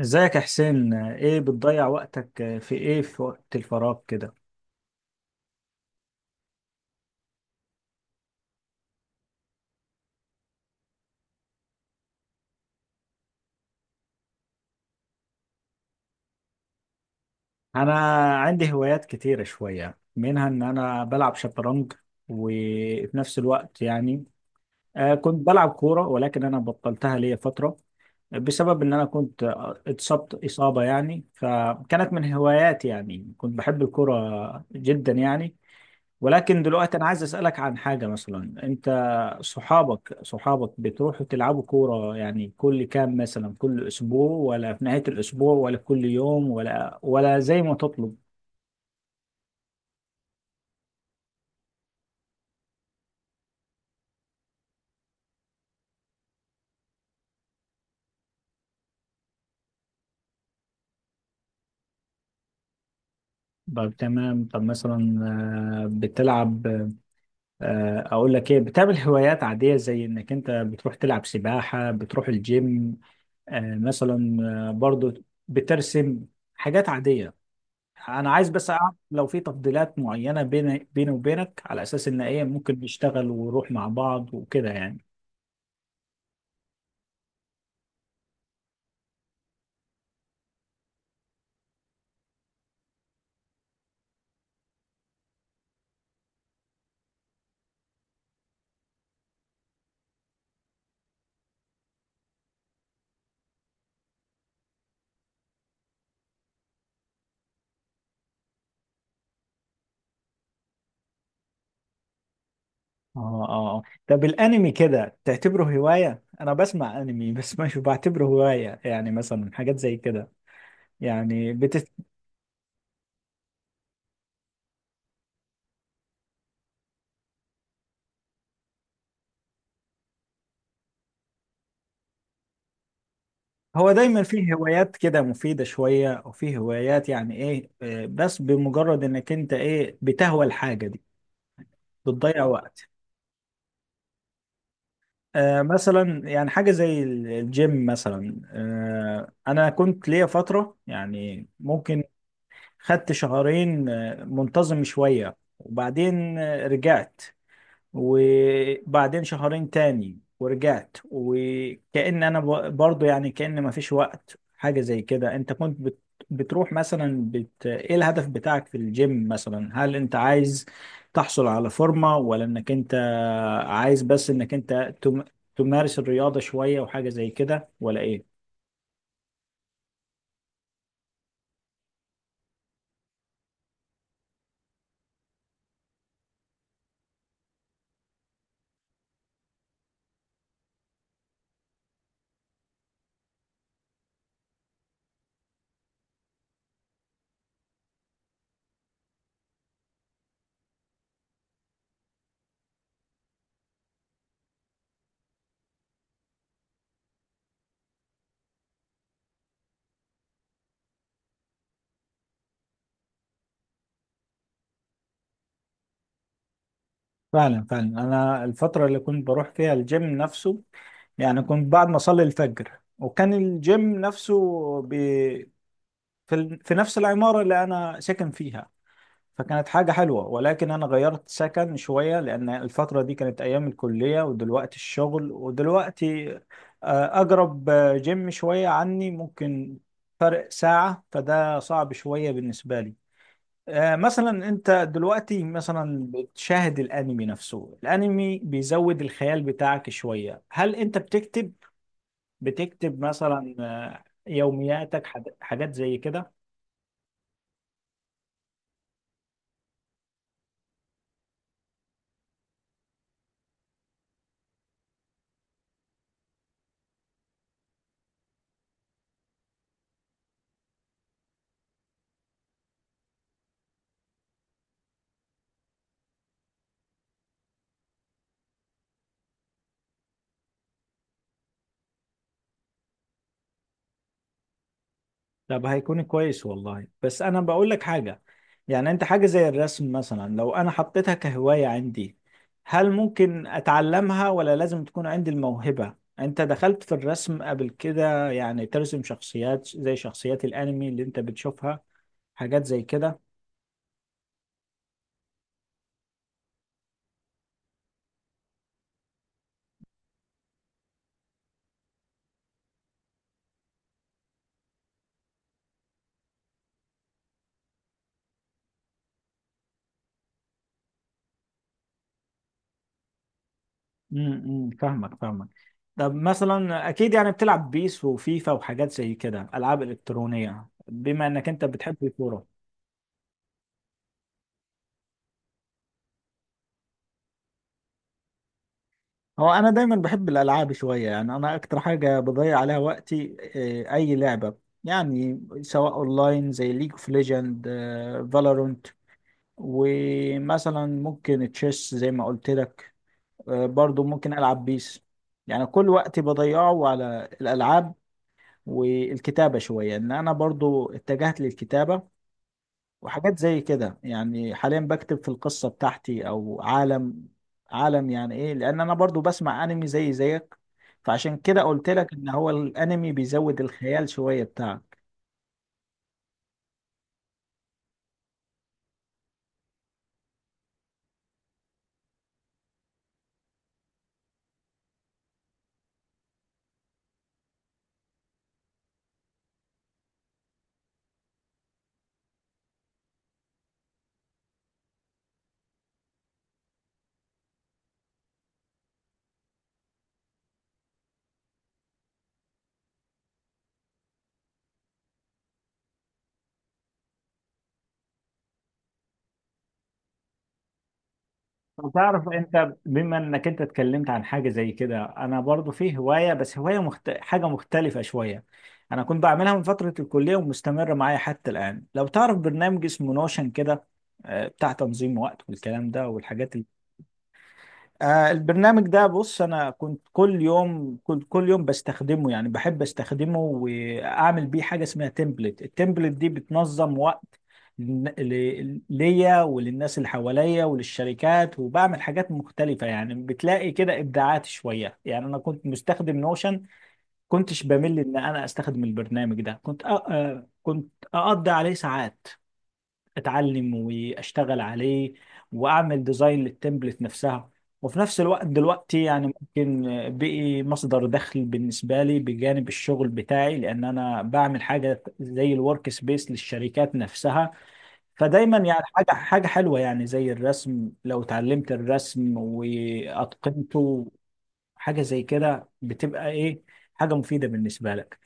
ازيك يا حسين؟ ايه بتضيع وقتك في ايه، في وقت الفراغ كده؟ انا عندي هوايات كتيرة شوية، منها ان انا بلعب شطرنج. وفي نفس الوقت يعني كنت بلعب كورة، ولكن انا بطلتها ليا فترة، بسبب ان انا كنت اتصبت اصابة يعني، فكانت من هواياتي يعني، كنت بحب الكورة جدا يعني. ولكن دلوقتي انا عايز اسالك عن حاجه، مثلا انت صحابك بتروحوا تلعبوا كوره يعني كل كام، مثلا كل اسبوع، ولا في نهايه الاسبوع، ولا كل يوم، ولا زي ما تطلب؟ طب تمام. طب مثلا، بتلعب. اقول لك ايه، بتعمل هوايات عاديه زي انك انت بتروح تلعب سباحه، بتروح الجيم مثلا، برضو بترسم، حاجات عاديه؟ انا عايز بس اعرف لو في تفضيلات معينه بيني وبينك، على اساس ان ايه ممكن نشتغل ونروح مع بعض وكده يعني. اه، اه، آه. طب الانمي كده تعتبره هوايه؟ انا بسمع انمي بس مش بعتبره هوايه يعني، مثلا حاجات زي كده. يعني هو دايما فيه هوايات كده مفيده شويه، او فيه هوايات يعني ايه بس بمجرد انك انت ايه بتهوى الحاجه دي بتضيع وقت. مثلا يعني حاجة زي الجيم مثلا، أنا كنت ليا فترة يعني، ممكن خدت شهرين منتظم شوية، وبعدين رجعت، وبعدين شهرين تاني ورجعت، وكأن انا برضو يعني، كأن ما فيش وقت حاجة زي كده. انت كنت بتروح مثلا، ايه الهدف بتاعك في الجيم مثلا؟ هل انت عايز تحصل على فورمة، ولا انك انت عايز بس انك انت تمارس الرياضة شوية وحاجة زي كده، ولا ايه؟ فعلا فعلا، انا الفترة اللي كنت بروح فيها الجيم نفسه، يعني كنت بعد ما اصلي الفجر، وكان الجيم نفسه في في نفس العمارة اللي أنا ساكن فيها، فكانت حاجة حلوة. ولكن أنا غيرت سكن شوية، لأن الفترة دي كانت أيام الكلية، ودلوقتي الشغل، ودلوقتي أقرب جيم شوية عني ممكن فرق ساعة، فده صعب شوية بالنسبة لي. مثلا أنت دلوقتي مثلا بتشاهد الأنمي نفسه، الأنمي بيزود الخيال بتاعك شوية. هل أنت بتكتب مثلا يومياتك، حاجات حاجات زي كده؟ طب هيكون كويس والله. بس انا بقول لك حاجه يعني، انت حاجه زي الرسم مثلا لو انا حطيتها كهوايه عندي، هل ممكن اتعلمها، ولا لازم تكون عندي الموهبه؟ انت دخلت في الرسم قبل كده؟ يعني ترسم شخصيات زي شخصيات الانمي اللي انت بتشوفها، حاجات زي كده؟ فاهمك فاهمك. طب مثلا، اكيد يعني بتلعب بيس وفيفا وحاجات زي كده، العاب الكترونيه، بما انك انت بتحب الكوره. هو انا دايما بحب الالعاب شويه، يعني انا اكتر حاجه بضيع عليها وقتي، اي لعبه، يعني سواء اونلاين زي ليج اوف ليجند، فالورنت، ومثلا ممكن تشيس زي ما قلت لك، برضو ممكن العب بيس. يعني كل وقتي بضيعه على الالعاب، والكتابه شويه ان انا برضو اتجهت للكتابه وحاجات زي كده، يعني حاليا بكتب في القصة بتاعتي، او عالم يعني ايه، لان انا برضو بسمع انمي زي زيك، فعشان كده قلت لك ان هو الانمي بيزود الخيال شوية بتاعك. تعرف انت، بما انك انت اتكلمت عن حاجه زي كده، انا برضو في هوايه، بس هوايه حاجه مختلفه شويه. انا كنت بعملها من فتره الكليه ومستمره معايا حتى الان. لو تعرف برنامج اسمه نوشن كده، بتاع تنظيم وقت والكلام ده والحاجات. البرنامج ده بص، انا كنت كل يوم بستخدمه، يعني بحب استخدمه، واعمل بيه حاجه اسمها تمبلت. التمبلت دي بتنظم وقت ليا وللناس اللي حواليا وللشركات، وبعمل حاجات مختلفه يعني، بتلاقي كده ابداعات شويه. يعني انا كنت مستخدم نوشن، كنتش بمل ان انا استخدم البرنامج ده، كنت أ... آه، كنت اقضي عليه ساعات اتعلم واشتغل عليه، واعمل ديزاين للتمبلت نفسها. وفي نفس الوقت دلوقتي يعني ممكن بقي مصدر دخل بالنسبة لي بجانب الشغل بتاعي، لأن أنا بعمل حاجة زي الورك سبيس للشركات نفسها. فدايما يعني حاجة حلوة، يعني زي الرسم لو اتعلمت الرسم وأتقنته حاجة زي كده، بتبقى إيه، حاجة مفيدة بالنسبة لك.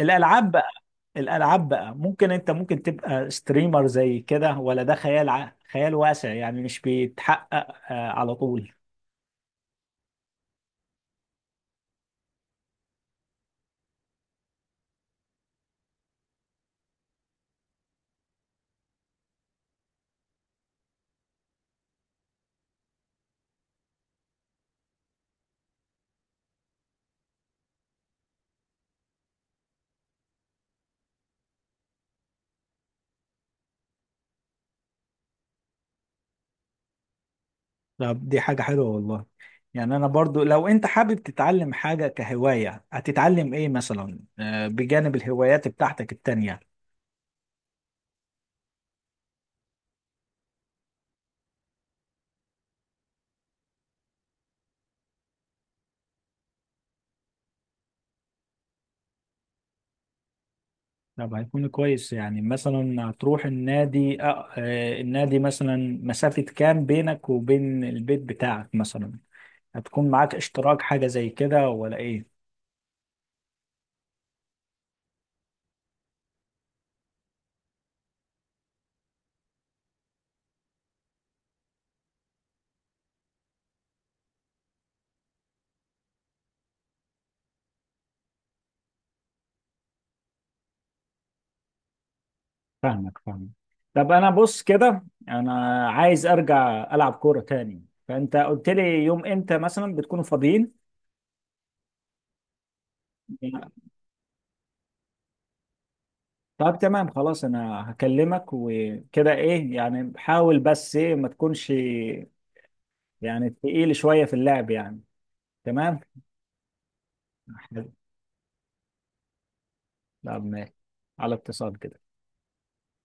الألعاب بقى ممكن انت تبقى ستريمر زي كده، ولا ده خيال خيال واسع يعني مش بيتحقق على طول؟ طب دي حاجة حلوة والله. يعني انا برضو، لو انت حابب تتعلم حاجة كهواية، هتتعلم ايه مثلا بجانب الهوايات بتاعتك التانية؟ طب هيكون كويس. يعني مثلا هتروح النادي؟ النادي مثلا مسافة كام بينك وبين البيت بتاعك مثلا؟ هتكون معاك اشتراك حاجة زي كده، ولا ايه؟ فاهمك فاهمك. طب انا بص كده، انا عايز ارجع العب كوره تاني، فانت قلت لي يوم امتى مثلا بتكونوا فاضيين؟ طب تمام خلاص، انا هكلمك وكده. ايه يعني، حاول بس ايه ما تكونش يعني تقيل شويه في اللعب يعني. تمام. حلو. طب ماشي. على اتصال كده.